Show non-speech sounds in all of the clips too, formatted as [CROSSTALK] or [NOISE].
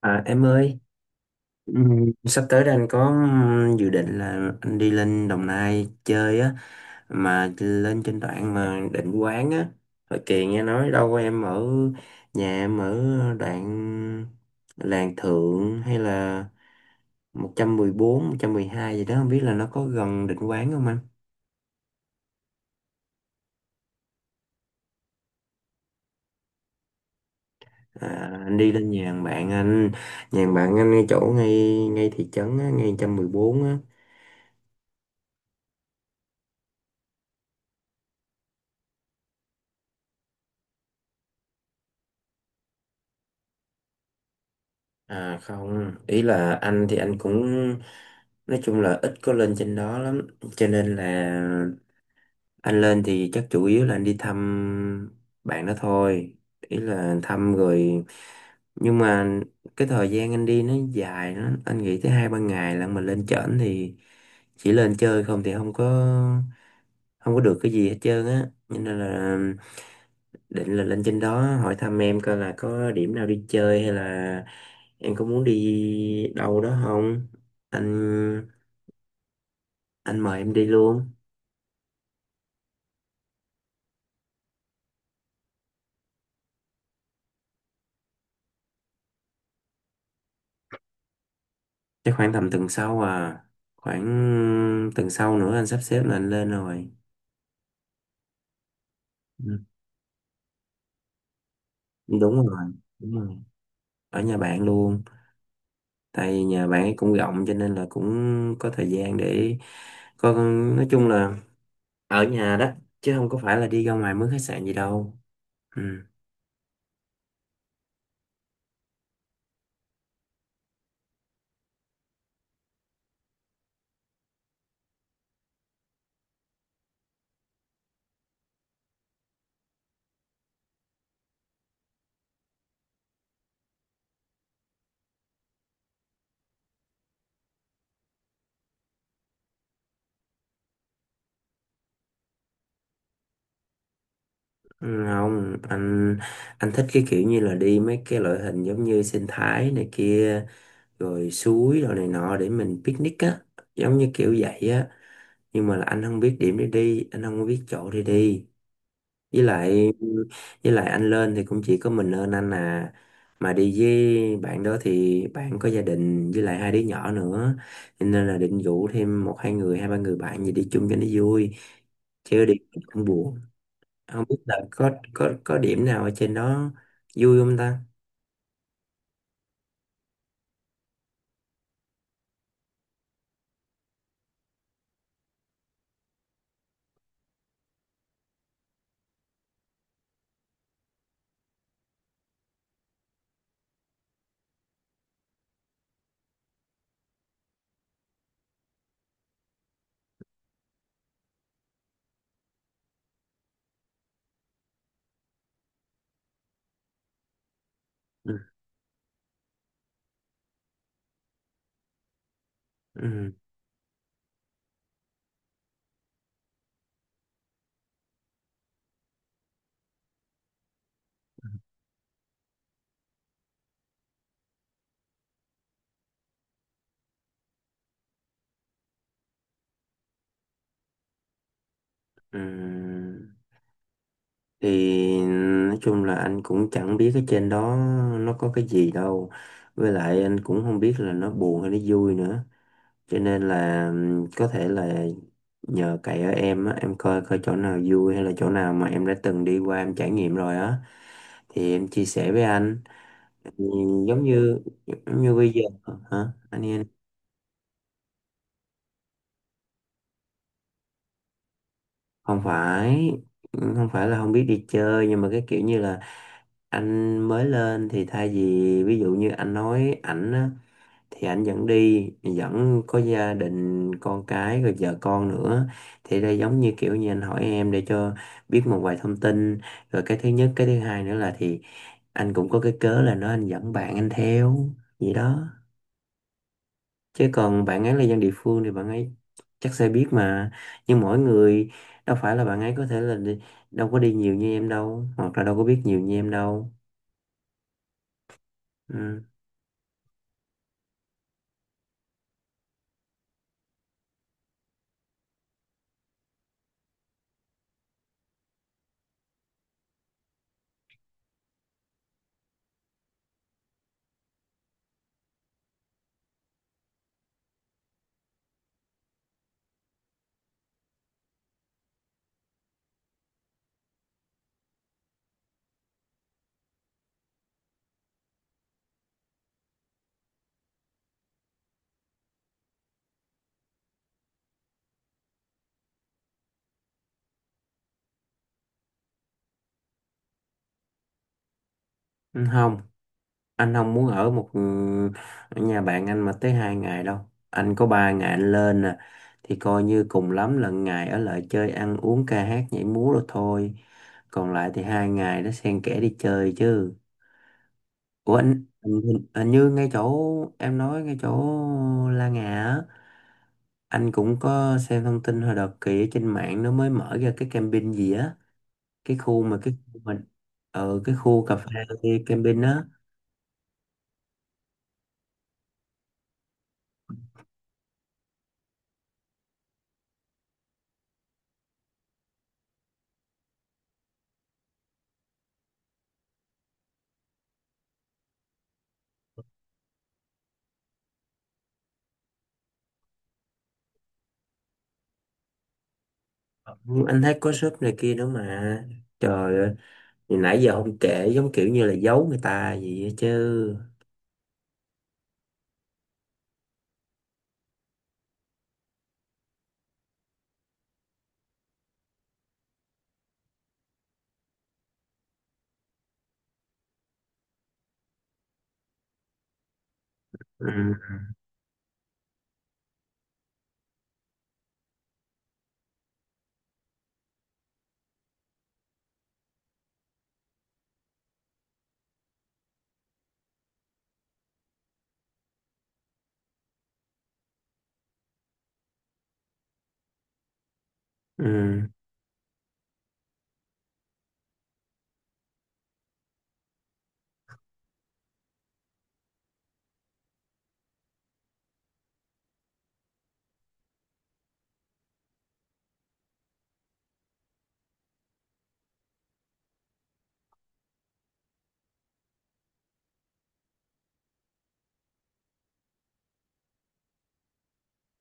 À, em ơi, sắp tới đây anh có dự định là anh đi lên Đồng Nai chơi á, mà lên trên đoạn mà Định Quán á. Hồi kìa nghe nói đâu em ở nhà em ở đoạn Làng Thượng hay là một một trăm trăm mười bốn 112 gì đó, không biết là nó có gần Định Quán không anh? À, anh đi lên nhà thằng bạn anh, nhà thằng bạn anh ngay thị trấn á, ngay 114 á. À không, ý là anh thì anh cũng nói chung là ít có lên trên đó lắm, cho nên là anh lên thì chắc chủ yếu là anh đi thăm bạn đó thôi, ý là thăm rồi nhưng mà cái thời gian anh đi nó dài lắm, anh nghĩ tới 2 3 ngày là mình lên trển thì chỉ lên chơi không thì không có được cái gì hết trơn á, cho nên là định là lên trên đó hỏi thăm em coi là có điểm nào đi chơi hay là em có muốn đi đâu đó không anh anh mời em đi luôn. Chắc khoảng tầm tuần sau à, khoảng tuần sau nữa anh sắp xếp là anh lên rồi. Ừ. Đúng rồi. Đúng rồi. Ở nhà bạn luôn, tại vì nhà bạn ấy cũng rộng cho nên là cũng có thời gian để có, nói chung là ở nhà đó chứ không có phải là đi ra ngoài mướn khách sạn gì đâu. Ừ. Không anh, anh thích cái kiểu như là đi mấy cái loại hình giống như sinh thái này kia rồi suối rồi này nọ để mình picnic á, giống như kiểu vậy á, nhưng mà là anh không biết điểm để đi, anh không biết chỗ để đi, với lại với lại anh lên thì cũng chỉ có mình lên anh à, mà đi với bạn đó thì bạn có gia đình với lại hai đứa nhỏ nữa. Cho nên là định rủ thêm một hai người hai ba người bạn gì đi chung cho nó vui, chứ đi cũng buồn. Không biết là có điểm nào ở trên đó vui không ta. Ừ. Ừ. Ừ. Thì nói chung là anh cũng chẳng biết ở trên đó nó có cái gì đâu, với lại anh cũng không biết là nó buồn hay nó vui nữa, cho nên là có thể là nhờ cậy ở em á, em coi coi chỗ nào vui hay là chỗ nào mà em đã từng đi qua em trải nghiệm rồi á thì em chia sẻ với anh. Ừ, giống như giống như bây giờ. Hả anh? Không phải không phải là không biết đi chơi, nhưng mà cái kiểu như là anh mới lên thì thay vì ví dụ như anh nói ảnh á, thì ảnh dẫn đi, dẫn có gia đình con cái rồi vợ con nữa, thì đây giống như kiểu như anh hỏi em để cho biết một vài thông tin, rồi cái thứ nhất cái thứ hai nữa là thì anh cũng có cái cớ là nó anh dẫn bạn anh theo, vậy đó. Chứ còn bạn ấy là dân địa phương thì bạn ấy chắc sẽ biết mà. Nhưng mỗi người đâu phải là bạn ấy có thể là đi, đâu có đi nhiều như em đâu, hoặc là đâu có biết nhiều như em đâu. Ừ. Ừ, không, anh không muốn ở một ở nhà bạn anh mà tới 2 ngày đâu. Anh có 3 ngày anh lên nè, thì coi như cùng lắm là ngày ở lại chơi ăn uống ca hát nhảy múa rồi thôi. Còn lại thì 2 ngày nó xen kẽ đi chơi chứ. Ủa anh, như ngay chỗ em nói, ngay chỗ La Ngà á. Anh cũng có xem thông tin hồi đợt kì trên mạng nó mới mở ra cái camping gì á, cái khu mình ở, cái khu cà phê camping á. Ừ, anh thấy có shop này kia nữa mà. Trời ơi, thì nãy giờ không kể, giống kiểu như là giấu người ta gì vậy chứ. Ừ. Ừ.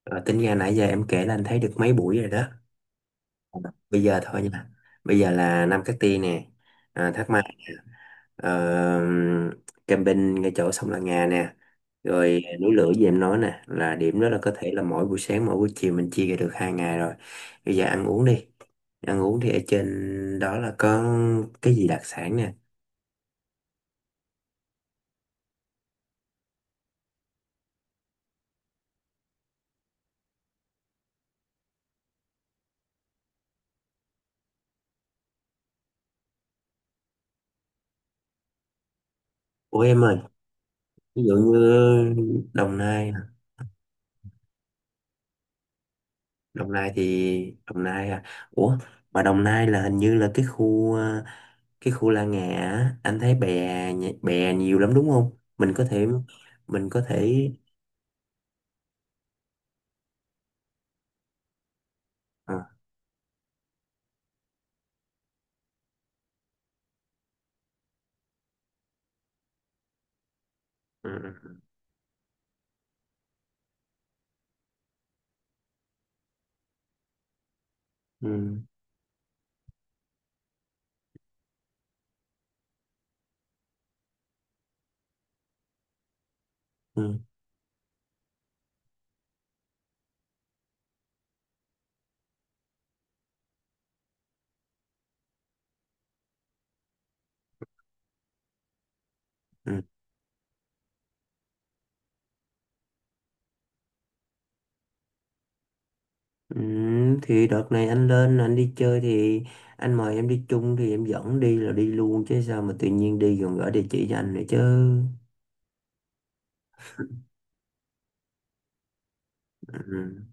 Rồi tính ra nãy giờ em kể là anh thấy được mấy buổi rồi đó. Bây giờ thôi nha. Bây giờ là năm cái tia nè. À, thắc mắc uh, camping ngay chỗ sông La Nga nè, rồi núi lửa gì em nói nè, là điểm đó là có thể là mỗi buổi sáng mỗi buổi chiều mình chia ra được 2 ngày rồi. Bây giờ ăn uống đi, ăn uống thì ở trên đó là có cái gì đặc sản nè? Ủa em ơi, ví dụ như Đồng Nai hả? Đồng Nai thì Đồng Nai à. Ủa, mà Đồng Nai là hình như là cái khu cái khu La Ngà á, anh thấy bè bè nhiều lắm đúng không, mình có thể mình có thể ờ, ừ. Ừ. Ừ, ừ, ừ. Ừ, thì đợt này anh lên anh đi chơi thì anh mời em đi chung thì em dẫn đi là đi luôn chứ, sao mà tự nhiên đi còn gửi địa chỉ cho anh nữa chứ. Ừ,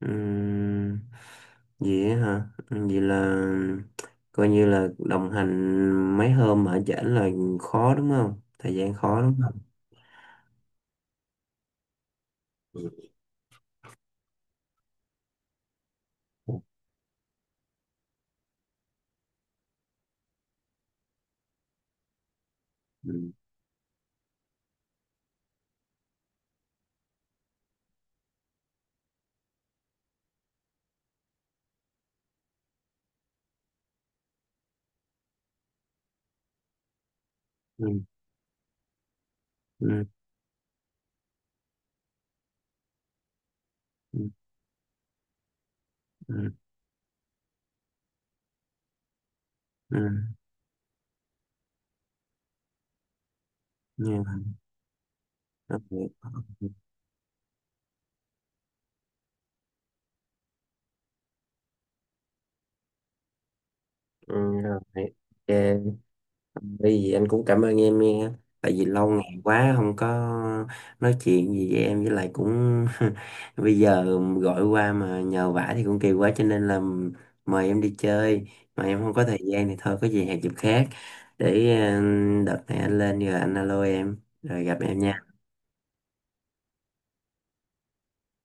ừ. Vậy á hả? Ừ, vậy là coi như là đồng hành mấy hôm ở chảnh là khó đúng không, thời gian khó đúng không. Ừ, ừ, ừ, ừ, ừ. Ừ. Yeah. Ok. Ừ, rồi. Ok. Bởi vì anh cũng cảm ơn em nha. Tại vì lâu ngày quá không có nói chuyện gì với em, với lại cũng [LAUGHS] bây giờ gọi qua mà nhờ vả thì cũng kỳ quá, cho nên là mời em đi chơi mà em không có thời gian thì thôi, có gì hẹn dịp khác để đợt này anh lên rồi anh alo em rồi gặp em nha.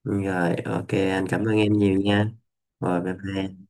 Rồi ok, anh cảm ơn em nhiều nha. Rồi bye bye.